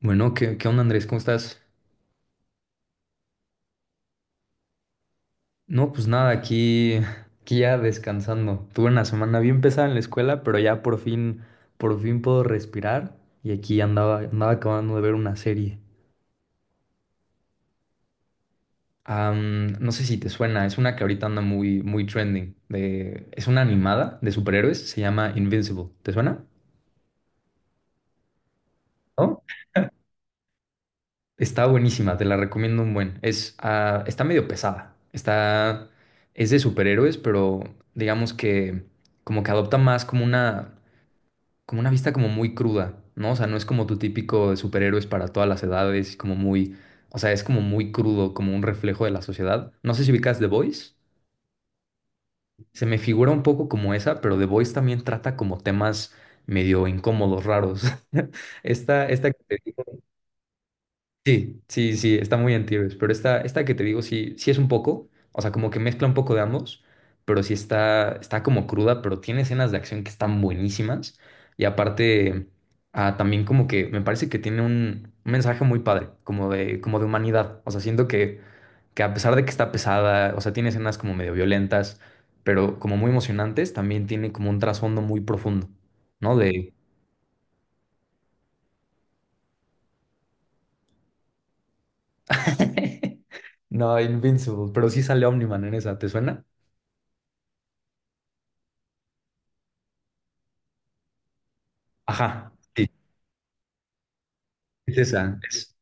Bueno, ¿qué onda, Andrés? ¿Cómo estás? No, pues nada, aquí ya descansando. Tuve una semana bien pesada en la escuela, pero ya por fin puedo respirar. Y aquí andaba acabando de ver una serie. No sé si te suena, es una que ahorita anda muy, muy trending. Es una animada de superhéroes, se llama Invincible. ¿Te suena? ¿No? Está buenísima, te la recomiendo un buen. Está medio pesada. Es de superhéroes, pero digamos que como que adopta más como una vista como muy cruda, ¿no? O sea, no es como tu típico de superhéroes para todas las edades, o sea, es como muy crudo, como un reflejo de la sociedad. No sé si ubicas The Voice. Se me figura un poco como esa, pero The Voice también trata como temas medio incómodos, raros. Esta que te digo. Sí, sí, sí, está muy anti-héroes, pero esta que te digo sí, sí es un poco, o sea, como que mezcla un poco de ambos, pero sí está, como cruda, pero tiene escenas de acción que están buenísimas y aparte también como que me parece que tiene un mensaje muy padre, como de, humanidad, o sea, siento que a pesar de que está pesada, o sea, tiene escenas como medio violentas, pero como muy emocionantes, también tiene como un trasfondo muy profundo, ¿no? De... No, Invincible, pero sí sale Omniman en esa, ¿te suena? Ajá, sí, es esa, es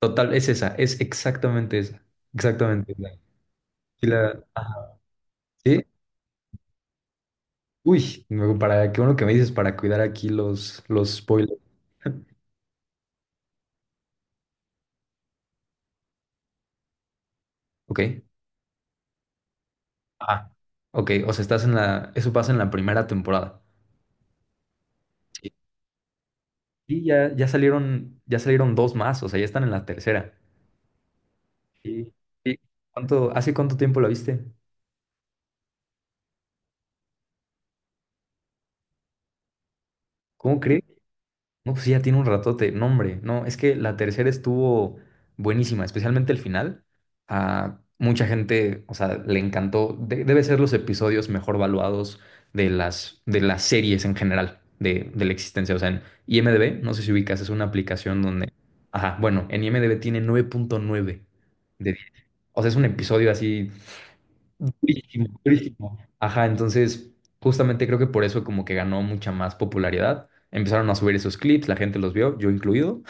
total, es esa, es exactamente esa, exactamente esa. Sí, ajá, ¿sí? Uy, para, qué bueno que me dices para cuidar aquí los spoilers. Ok, ah ok, o sea, estás eso pasa en la primera temporada. Sí. Y ya salieron dos más, o sea, ya están en la tercera. Sí. Sí. Hace cuánto tiempo la viste? ¿Cómo crees? No, pues sí, ya tiene un ratote. No, hombre, no, es que la tercera estuvo buenísima, especialmente el final. A mucha gente, o sea, le encantó. Debe ser los episodios mejor valuados de las series en general, de la existencia. O sea, en IMDb, no sé si ubicas, es una aplicación donde... Ajá, bueno, en IMDb tiene 9.9 de 10. O sea, es un episodio así. Durísimo, durísimo. Ajá, entonces justamente creo que por eso como que ganó mucha más popularidad. Empezaron a subir esos clips, la gente los vio, yo incluido,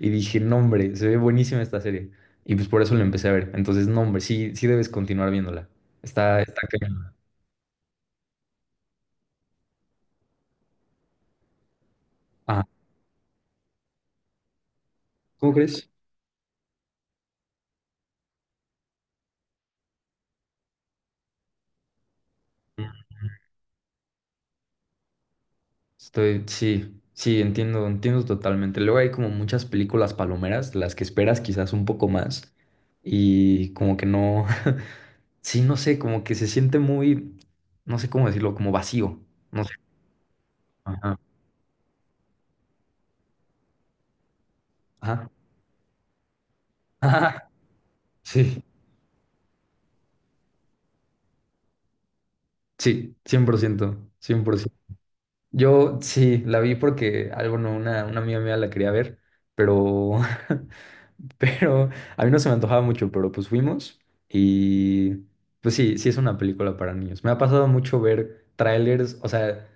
y dije, no hombre, se ve buenísima esta serie. Y pues por eso la empecé a ver. Entonces, no hombre, sí, sí debes continuar viéndola. Está cañona. Ajá, ¿cómo crees? Sí, sí, entiendo totalmente. Luego hay como muchas películas palomeras, las que esperas quizás un poco más y como que no. Sí, no sé, como que se siente muy, no sé cómo decirlo, como vacío. No sé. Ajá. Ajá. Ajá. Sí, sí, 100%, 100%. Yo sí, la vi porque, algo no, una amiga mía la quería ver, pero, pero a mí no se me antojaba mucho, pero pues fuimos y pues sí, sí es una película para niños. Me ha pasado mucho ver trailers, o sea,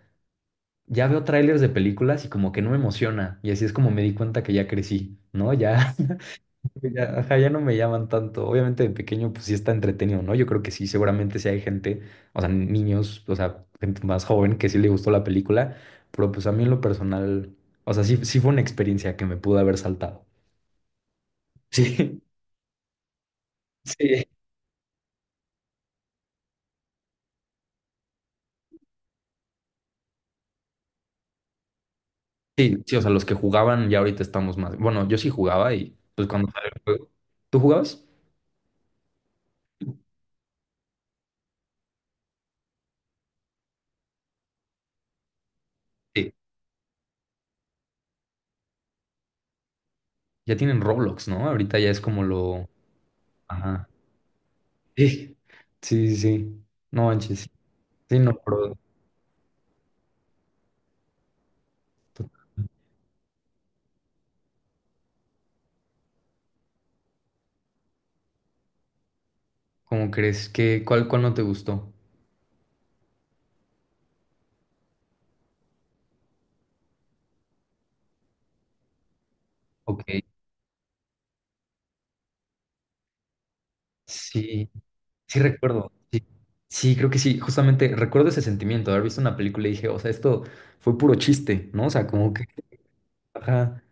ya veo trailers de películas y como que no me emociona y así es como me di cuenta que ya crecí, ¿no? Ya. Ya, ajá, ya no me llaman tanto. Obviamente de pequeño, pues sí está entretenido, ¿no? Yo creo que sí, seguramente sí hay gente, o sea, niños, o sea, gente más joven que sí le gustó la película, pero pues a mí en lo personal, o sea, sí, sí fue una experiencia que me pudo haber saltado. Sí, sí, sí, sí, o sea, los que jugaban ya ahorita estamos más. Bueno, yo sí jugaba y pues cuando salió el juego. ¿Tú jugabas? Sí. Ya tienen Roblox, ¿no? Ahorita ya es como lo. Ajá. Sí, sí, sí. Sí. No manches. Sí, no, pero. ¿Cómo crees que cuál no te gustó? Ok, sí, sí recuerdo. Sí, sí, creo que sí. Justamente recuerdo ese sentimiento de haber visto una película y dije, o sea, esto fue puro chiste, ¿no? O sea, como que. Ajá.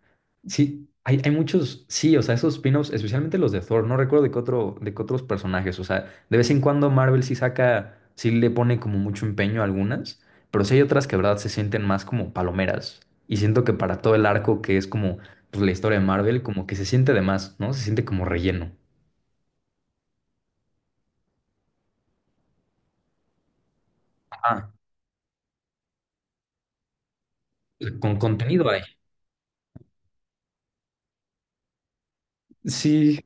Sí, hay muchos, sí, o sea, esos spin-offs, especialmente los de Thor, no recuerdo de qué otros personajes, o sea, de vez en cuando Marvel sí le pone como mucho empeño a algunas, pero sí hay otras que, de verdad, se sienten más como palomeras. Y siento que para todo el arco que es como, pues, la historia de Marvel, como que se siente de más, ¿no? Se siente como relleno. ah Con contenido ahí. Sí.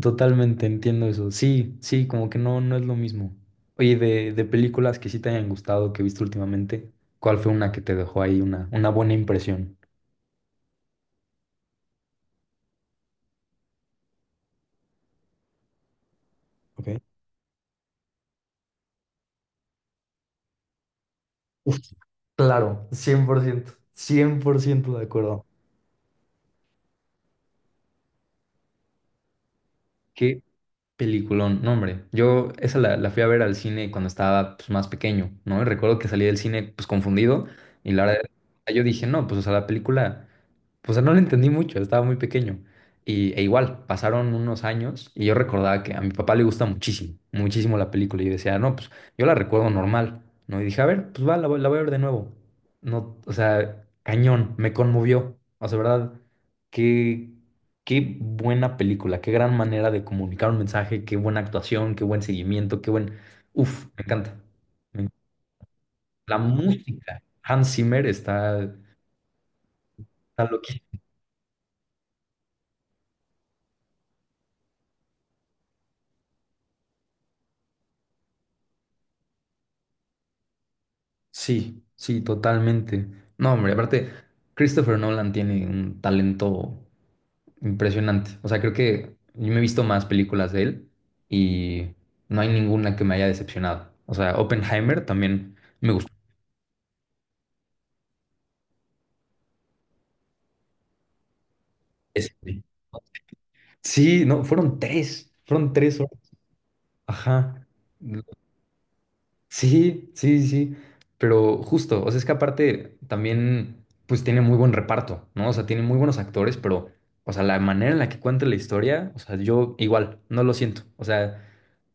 Totalmente entiendo eso. Sí, sí, como que no, no es lo mismo. Oye, de películas que sí te hayan gustado, que viste últimamente, ¿cuál fue una que te dejó ahí una buena impresión? Ok. Uf, claro, 100%, 100% de acuerdo. Peliculón, no hombre, yo esa la fui a ver al cine cuando estaba pues, más pequeño, ¿no? Y recuerdo que salí del cine pues confundido y la verdad yo dije, no, pues o sea, la película, pues no la entendí mucho, estaba muy pequeño. E igual, pasaron unos años y yo recordaba que a mi papá le gusta muchísimo, muchísimo la película y yo decía, no, pues yo la recuerdo normal, ¿no? Y dije, a ver, pues va, la voy a ver de nuevo. No, o sea, cañón, me conmovió, o sea, ¿verdad? ¿Qué? Qué buena película, qué gran manera de comunicar un mensaje, qué buena actuación, qué buen seguimiento, qué buen... Uf, me encanta. Me enc- La música, Hans Zimmer está loquísimo. Sí, sí, totalmente. No, hombre, aparte, Christopher Nolan tiene un talento impresionante. O sea, creo que yo me he visto más películas de él y no hay ninguna que me haya decepcionado. O sea, Oppenheimer también me gustó. Este. Sí, no, fueron tres. Ajá. Mm, sí, sí, sí. Pero justo, o sea, es que aparte también, pues tiene muy buen reparto, ¿no? O sea, tiene muy buenos actores, pero, o sea, la manera en la que cuenta la historia, o sea, yo igual, no lo siento. O sea,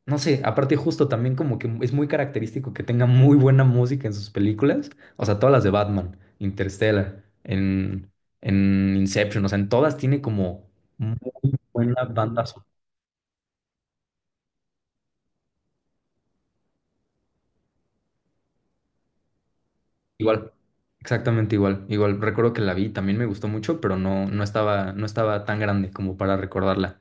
no sé, aparte justo también como que es muy característico que tenga muy buena música en sus películas, o sea, todas las de Batman, Interstellar, en, Inception, o sea, en todas tiene como muy buena banda sonora. Igual, exactamente igual. Igual recuerdo que la vi, también me gustó mucho, pero no, no estaba tan grande como para recordarla.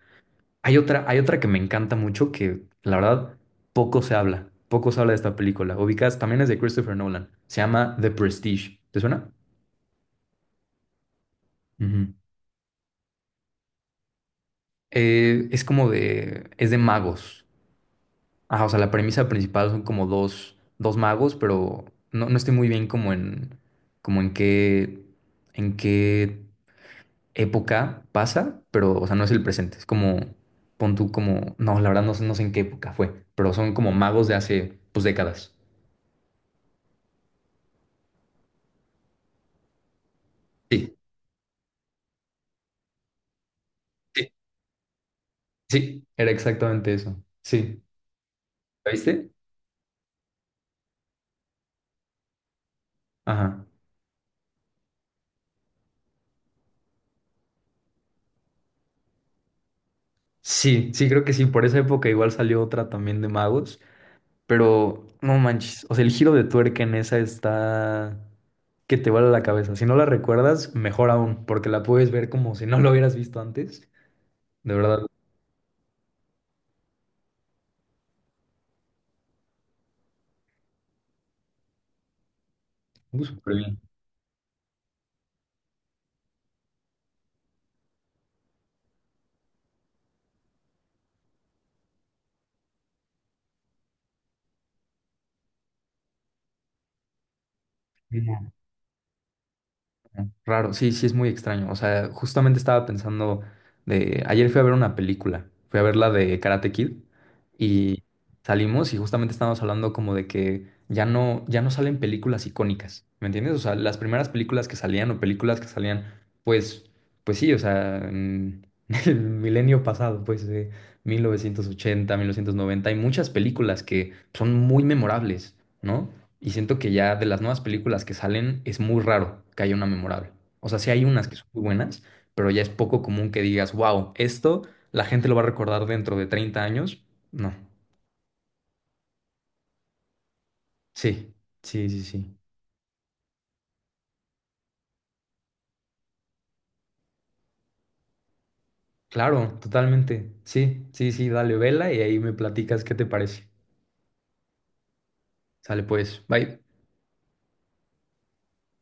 Hay otra que me encanta mucho que la verdad poco se habla de esta película. Ubicas, también es de Christopher Nolan. Se llama The Prestige. ¿Te suena? Ujú. Es de magos. Ajá, o sea, la premisa principal son como dos magos, pero no, no estoy muy bien como en qué, en qué época pasa, pero, o sea, no es el presente. Es como, pon tú como, no, la verdad no sé en qué época fue, pero son como magos de hace, pues, décadas. Sí, sí, sí, era exactamente eso. Sí. ¿La viste? Ajá. Sí, sí, creo que sí. Por esa época igual salió otra también de magos, pero no manches. O sea, el giro de tuerca en esa está que te vuela la cabeza. Si no la recuerdas, mejor aún, porque la puedes ver como si no lo hubieras visto antes. De verdad, súper bien. Raro, sí, sí es muy extraño. O sea, justamente estaba pensando de... Ayer fui a ver una película, fui a ver la de Karate Kid y salimos y justamente estábamos hablando como de que ya no salen películas icónicas, ¿me entiendes? O sea, las primeras películas que salían o películas que salían, pues, pues sí, o sea, en el milenio pasado, pues de 1980, 1990, hay muchas películas que son muy memorables, ¿no? Y siento que ya de las nuevas películas que salen es muy raro que haya una memorable. O sea, sí hay unas que son muy buenas, pero ya es poco común que digas, wow, esto la gente lo va a recordar dentro de 30 años. No. Sí, sí, sí, sí. Claro, totalmente. Sí, sí, sí, dale vela y ahí me platicas qué te parece. Sale pues. Bye.